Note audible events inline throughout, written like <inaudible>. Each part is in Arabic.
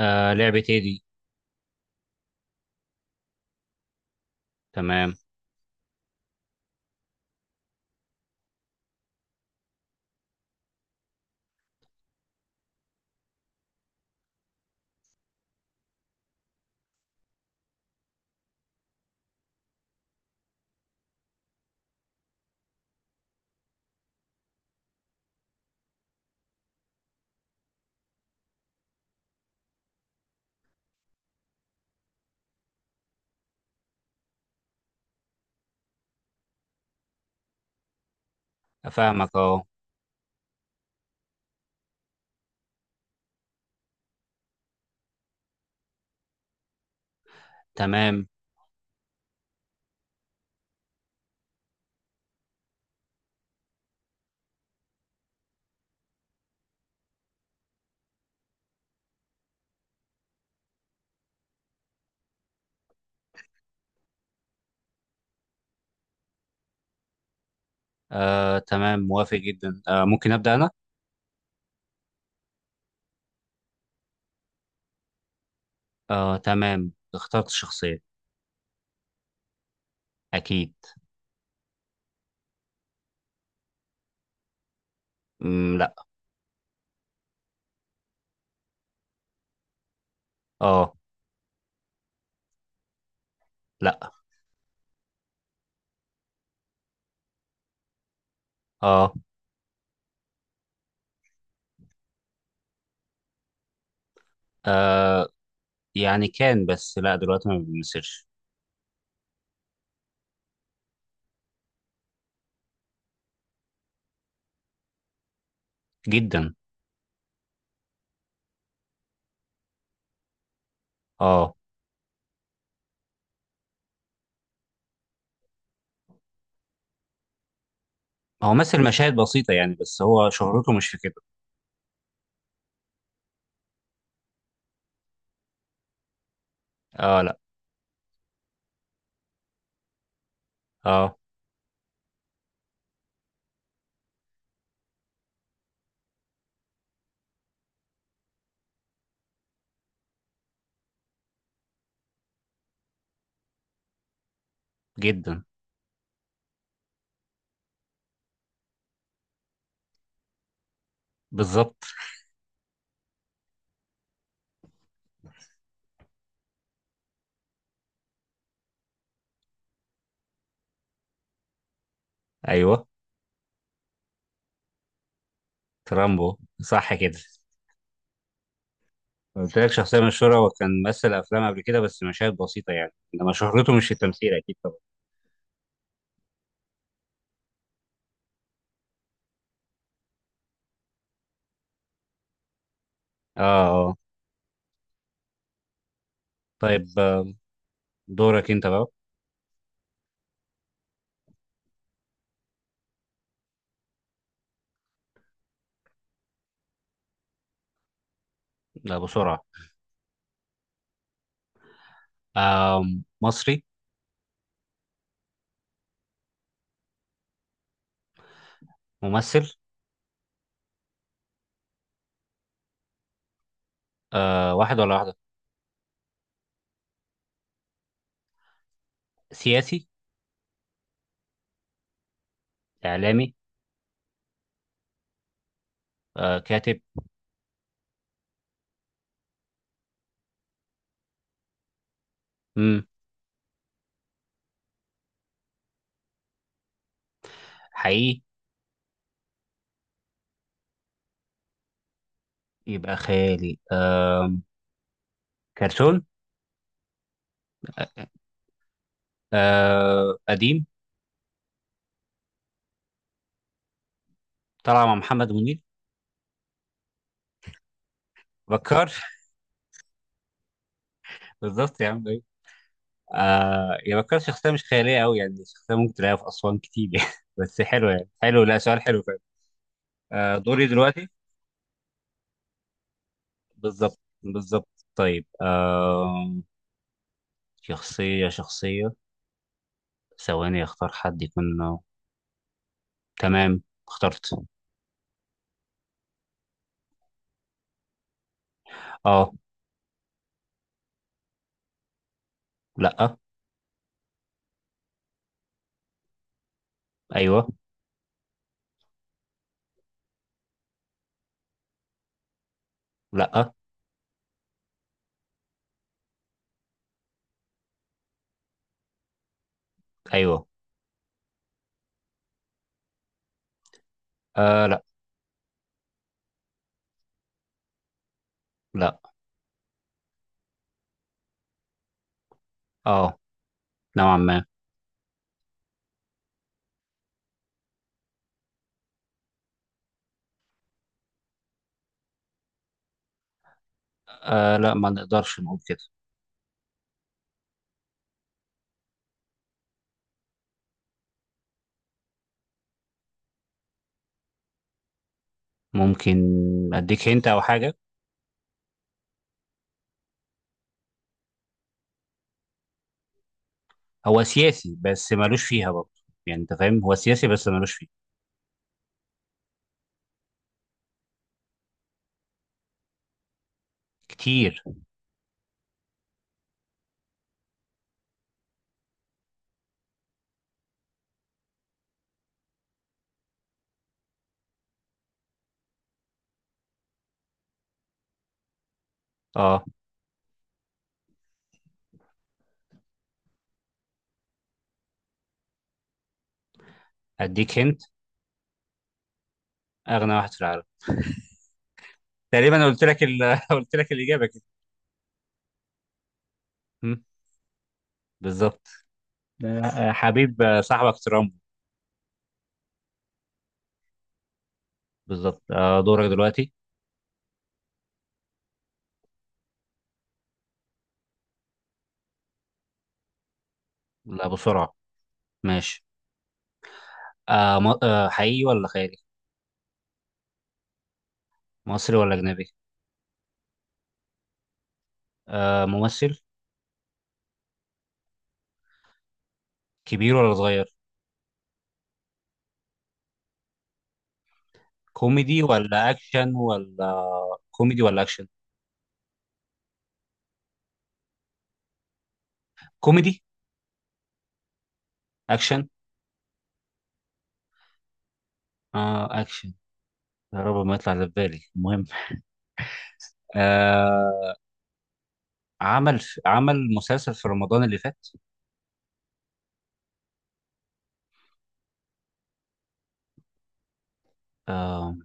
آه، لعبة ايه دي؟ تمام. افهمك، اه. تمام. آه، تمام، موافق جدا. آه، ممكن ابدا انا؟ آه، تمام، اخترت شخصية. اكيد. لا. اه. لا. اه. آه، يعني كان، بس لا دلوقتي ما بيمثلش. جدا. اه. هو مثل مشاهد بسيطة يعني، بس هو شهرته مش في كده. اه. لا. اه. جدا. بالظبط. ايوه. ترامبو. صح كده. قلت لك شخصية مشهورة وكان مثل أفلام قبل كده، بس مشاهد بسيطة يعني، إنما شهرته مش في التمثيل أكيد طبعا. آه. آه. طيب آه، دورك أنت بقى. لا، بسرعة. آه. مصري. ممثل. آه، واحد ولا واحدة؟ سياسي. إعلامي. آه، كاتب. مم. حقيقي. يبقى خيالي. آه، كرتون. آه، قديم. طلع مع محمد منير. بكار <laughs> بالظبط يا عم، أيوة. آه يا بكار، شخصية مش خيالية أوي، يعني شخصية ممكن تلاقيها في أسوان كتير يعني <laughs> بس حلو يعني، حلو، لا سؤال حلو. آه، دوري دلوقتي. بالظبط، بالظبط. طيب آه، شخصية. ثواني اختار حد يكون آه، تمام. اخترت. اه. لا. ايوه. لا. ايوه. آه، لا. لا. اه، نوعا ما. آه لا، ما نقدرش نقول كده. ممكن. اديك هنت او حاجة. هو سياسي بس مالوش فيها برضه. يعني انت فاهم، هو سياسي بس مالوش فيه. كتير. اه، اديك هنت. اغنى واحد في العالم. تقريبا قلت لك <laughs> قلت لك الاجابة كده. مم، بالظبط. آه، حبيب آه، صاحبك ترامب. بالظبط. آه، دورك دلوقتي. لا، بسرعة. ماشي. آه، حقيقي ولا خيالي؟ مصري ولا أجنبي؟ آه، ممثل؟ كبير ولا صغير؟ كوميدي ولا أكشن ولا؟ كوميدي ولا أكشن؟ كوميدي. أكشن. آه، أكشن. يا رب ما يطلع اللي في بالي، المهم، آه، عمل، عمل مسلسل في رمضان اللي فات؟ آه،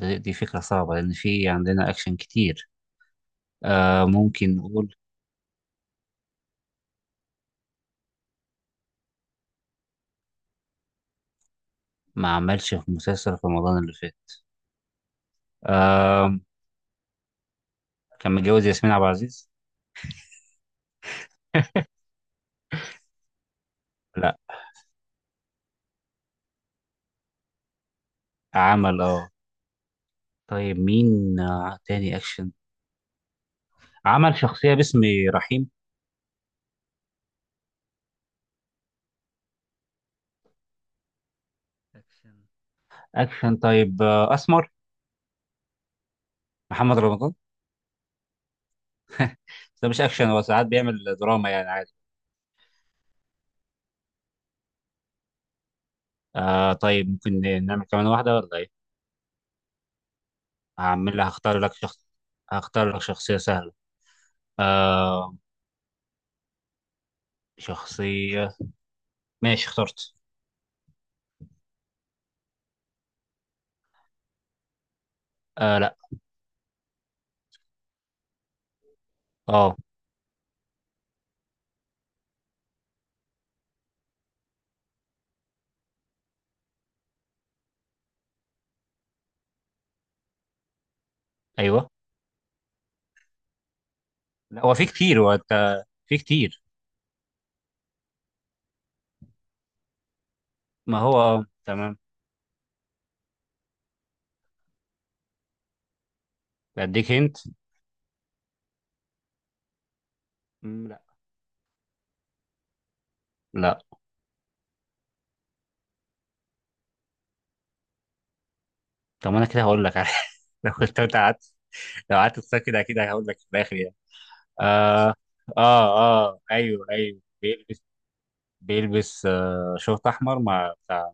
دي فكرة صعبة لأن في عندنا أكشن كتير. آه، ممكن نقول. ما عملش في مسلسل في رمضان اللي فات. آه. كان متجوز ياسمين عبد العزيز. لا. عمل، اه. طيب مين آه تاني اكشن؟ عمل شخصية باسم رحيم. اكشن. اكشن. طيب آه، اسمر. محمد رمضان. بس ده مش اكشن، هو ساعات بيعمل دراما يعني عادي. آه، طيب ممكن نعمل كمان واحدة ولا ايه؟ هعمل، هختار لك شخص. هختار لك شخصية سهلة. آه، شخصية. ماشي، اخترت. آه، لا. اه. ايوه. لا، هو في كتير، وانت، في كتير. ما هو آه، تمام. اديك هنت. لا. لا. طب ما انا كده هقول لك <laughs> لو كنت أنت قعدت، لو قعدت تفكر كده اكيد هقول لك في الاخر يعني. اه. اه. اه، ايوه، ايوه، بيلبس، بيلبس آه شورت احمر مع بتاع.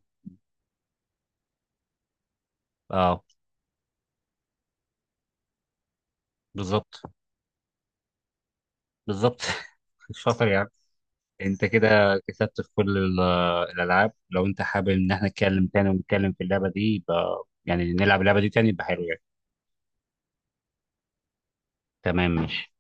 اه. بالظبط. بالظبط <laughs> شاطر يعني. انت كده كسبت في كل الالعاب. لو انت حابب ان احنا نتكلم تاني ونتكلم في اللعبه دي، يبقى يعني نلعب اللعبه دي تاني، يبقى حلو يعني. تمام، ماشي.